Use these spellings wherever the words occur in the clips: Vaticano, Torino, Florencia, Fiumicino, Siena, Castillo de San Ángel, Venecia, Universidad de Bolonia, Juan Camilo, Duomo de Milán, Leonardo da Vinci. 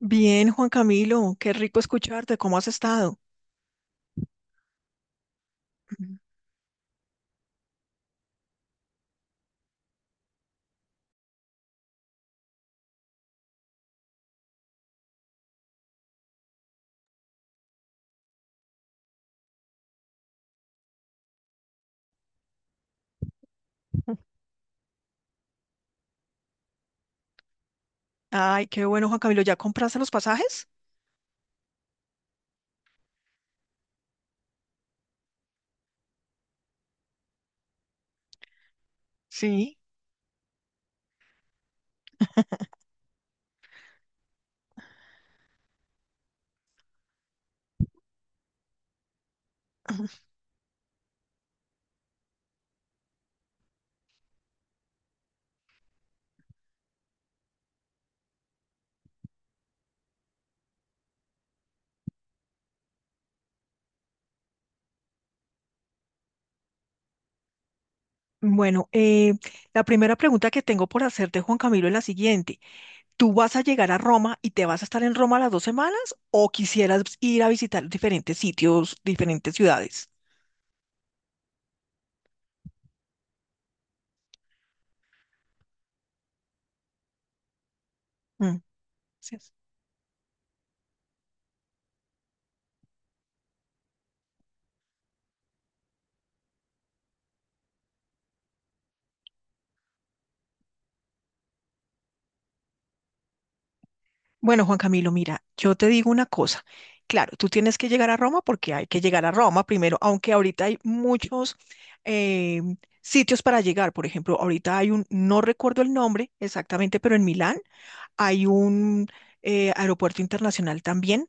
Bien, Juan Camilo, qué rico escucharte, ¿cómo has estado? Mm. Ay, qué bueno, Juan Camilo, ¿ya compraste los pasajes? Sí, bueno, la primera pregunta que tengo por hacerte, Juan Camilo, es la siguiente. ¿Tú vas a llegar a Roma y te vas a estar en Roma las 2 semanas o quisieras ir a visitar diferentes sitios, diferentes ciudades? Mm, sí. Bueno, Juan Camilo, mira, yo te digo una cosa. Claro, tú tienes que llegar a Roma porque hay que llegar a Roma primero, aunque ahorita hay muchos eh, sitios para llegar. Por ejemplo, ahorita hay un, no recuerdo el nombre exactamente, pero en Milán hay un aeropuerto internacional también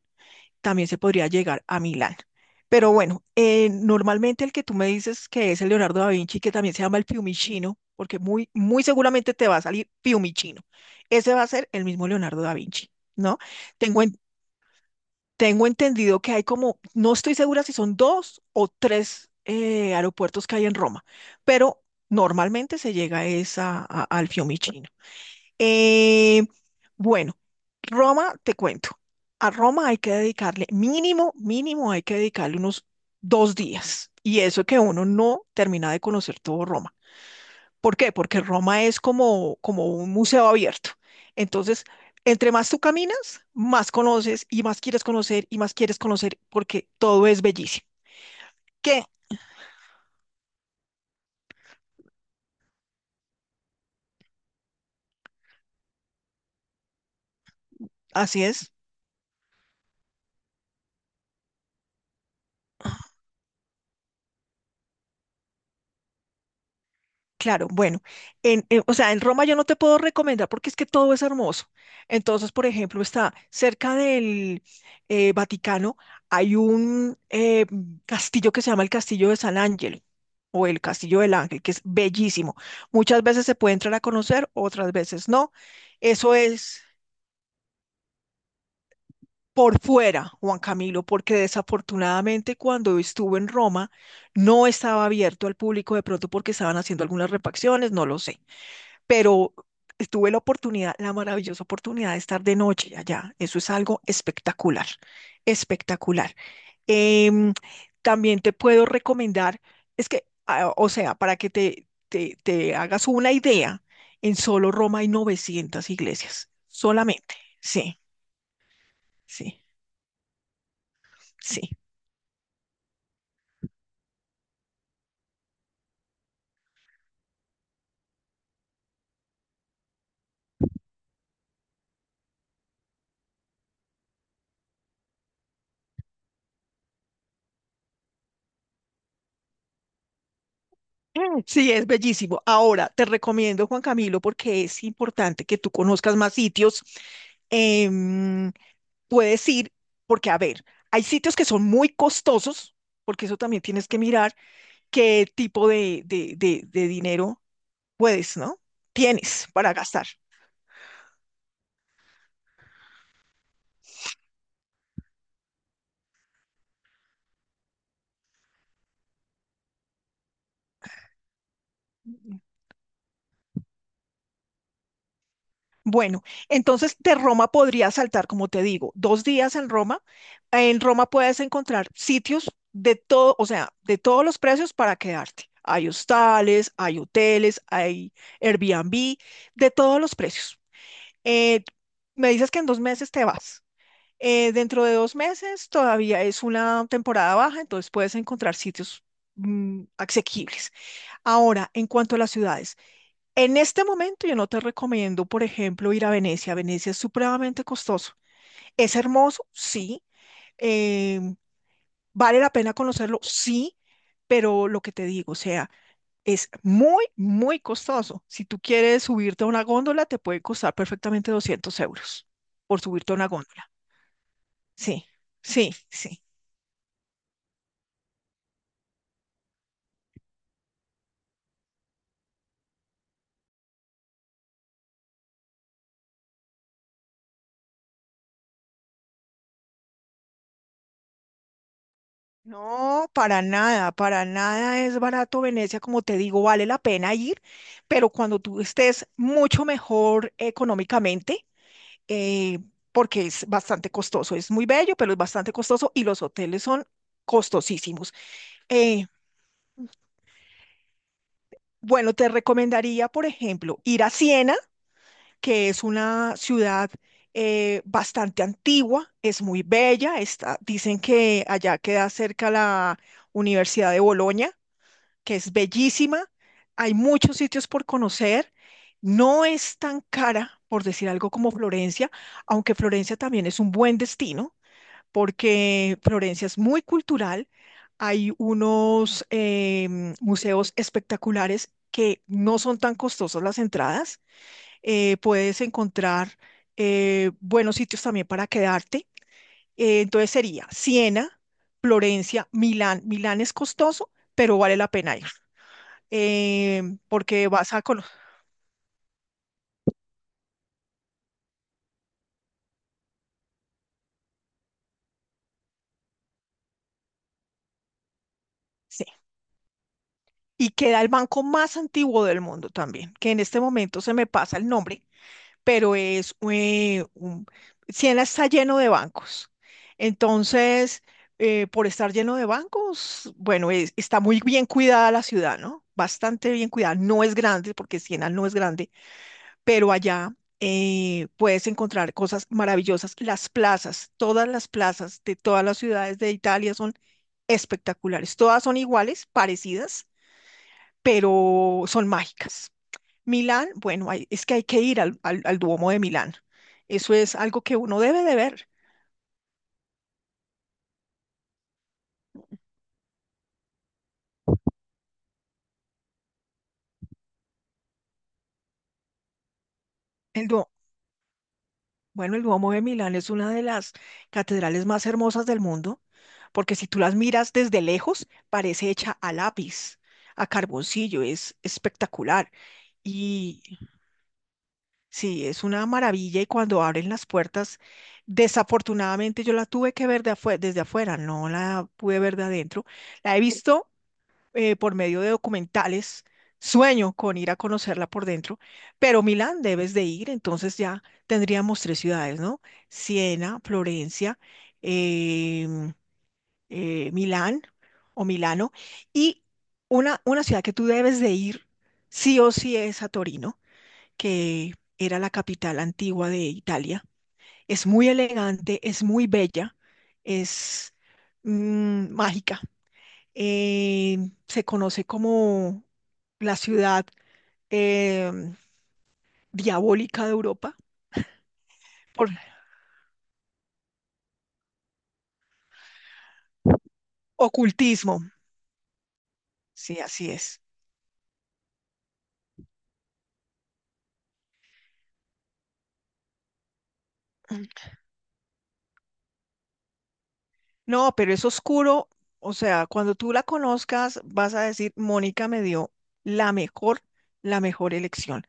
también se podría llegar a Milán. Pero bueno, normalmente el que tú me dices que es el Leonardo da Vinci, que también se llama el Fiumicino, porque muy seguramente te va a salir Fiumicino. Ese va a ser el mismo Leonardo da Vinci, ¿no? Tengo, en- Tengo entendido que hay como, no estoy segura si son dos o tres aeropuertos que hay en Roma, pero normalmente se llega es a, al Fiumicino. Eh, bueno, Roma, te cuento. A Roma hay que dedicarle mínimo, mínimo hay que dedicarle unos 2 días. Y eso que uno no termina de conocer todo Roma. ¿Por qué? Porque Roma es como, como un museo abierto. Entonces, entre más tú caminas, más conoces y más quieres conocer y más quieres conocer porque todo es bellísimo. ¿Qué? Así es. Claro, bueno, o sea, en Roma yo no te puedo recomendar porque es que todo es hermoso. Entonces, por ejemplo, está cerca del Vaticano, hay un castillo que se llama el Castillo de San Ángel o el Castillo del Ángel, que es bellísimo. Muchas veces se puede entrar a conocer, otras veces no. Eso es por fuera, Juan Camilo, porque desafortunadamente cuando estuve en Roma no estaba abierto al público, de pronto porque estaban haciendo algunas refacciones, no lo sé. Pero tuve la oportunidad, la maravillosa oportunidad de estar de noche allá. Eso es algo espectacular, espectacular. Em, también te puedo recomendar, es que, ah, o sea, para que te hagas una idea, en solo Roma hay 900 iglesias, solamente. Sí, sí, sí. Mm, sí, es bellísimo. Ahora, te recomiendo, Juan Camilo, porque es importante que tú conozcas más sitios. em, puedes ir, porque a ver, hay sitios que son muy costosos, porque eso también tienes que mirar qué tipo de, de dinero puedes, ¿no? Tienes para gastar. Bueno, entonces de Roma podrías saltar, como te digo, 2 días en Roma. En Roma puedes encontrar sitios de todo, o sea, de todos los precios para quedarte. Hay hostales, hay hoteles, hay Airbnb, de todos los precios. Eh, me dices que en 2 meses te vas. Dentro de 2 meses todavía es una temporada baja, entonces puedes encontrar sitios asequibles. Ahora, en cuanto a las ciudades. En este momento yo no te recomiendo, por ejemplo, ir a Venecia. Venecia es supremamente costoso. Es hermoso, sí. Eh, vale la pena conocerlo, sí. Pero lo que te digo, o sea, es muy costoso. Si tú quieres subirte a una góndola, te puede costar perfectamente 200 euros por subirte a una góndola. Sí, sí, sí. No, para nada es barato Venecia, como te digo, vale la pena ir, pero cuando tú estés mucho mejor económicamente, eh, porque es bastante costoso. Es muy bello, pero es bastante costoso y los hoteles son costosísimos. Eh, bueno, te recomendaría, por ejemplo, ir a Siena, que es una ciudad bastante antigua, es muy bella. Está, dicen que allá queda cerca la Universidad de Bolonia, que es bellísima. Hay muchos sitios por conocer. No es tan cara, por decir algo, como Florencia, aunque Florencia también es un buen destino. Porque Florencia es muy cultural. Hay unos museos espectaculares que no son tan costosas las entradas. Puedes encontrar buenos sitios también para quedarte. Entonces sería Siena, Florencia, Milán. Milán es costoso, pero vale la pena ir, porque vas a conocer. Y queda el banco más antiguo del mundo también, que en este momento se me pasa el nombre, pero es Siena está lleno de bancos. Entonces, por estar lleno de bancos, bueno, está muy bien cuidada la ciudad, ¿no? Bastante bien cuidada. No es grande, porque Siena no es grande, pero allá puedes encontrar cosas maravillosas. Las plazas, todas las plazas de todas las ciudades de Italia son espectaculares. Todas son iguales, parecidas, pero son mágicas. Milán, bueno, es que hay que ir al Duomo de Milán. Eso es algo que uno debe de ver. El Duo- bueno, el Duomo de Milán es una de las catedrales más hermosas del mundo, porque si tú las miras desde lejos, parece hecha a lápiz, a carboncillo, es espectacular. Y sí, es una maravilla y cuando abren las puertas, desafortunadamente yo la tuve que ver desde afuera, no la pude ver de adentro. La he visto por medio de documentales. Sueño con ir a conocerla por dentro, pero Milán debes de ir, entonces ya tendríamos 3 ciudades, ¿no? Siena, Florencia, em, Milán o Milano, y una ciudad que tú debes de ir sí o sí es a Torino, que era la capital antigua de Italia. Es muy elegante, es muy bella, es mágica, eh, se conoce como la ciudad eh, diabólica de Europa por ocultismo. Sí, así es. No, pero es oscuro. O sea, cuando tú la conozcas, vas a decir, Mónica me dio la mejor, la mejor elección.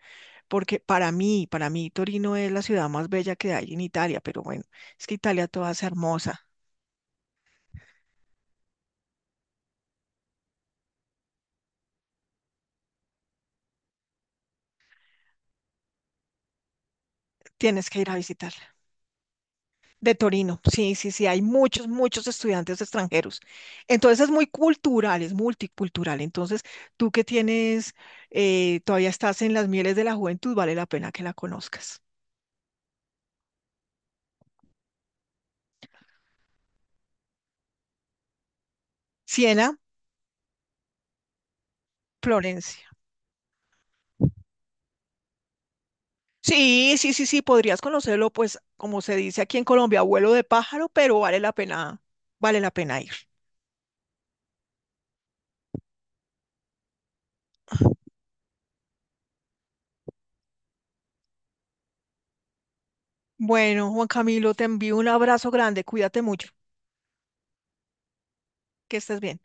Porque para mí, Torino es la ciudad más bella que hay en Italia. Pero bueno, es que Italia toda es hermosa. Tienes que ir a visitarla. De Torino, sí, sí, sí, hay muchos, muchos estudiantes extranjeros. Entonces es muy cultural, es multicultural. Entonces, tú que tienes, todavía estás en las mieles de la juventud, vale la pena que la conozcas. Siena, Florencia. Sí, sí, sí, sí, podrías conocerlo, pues, como se dice aquí en Colombia, abuelo de pájaro, pero vale la pena ir. Bueno, Juan Camilo, te envío un abrazo grande, cuídate mucho, que estés bien.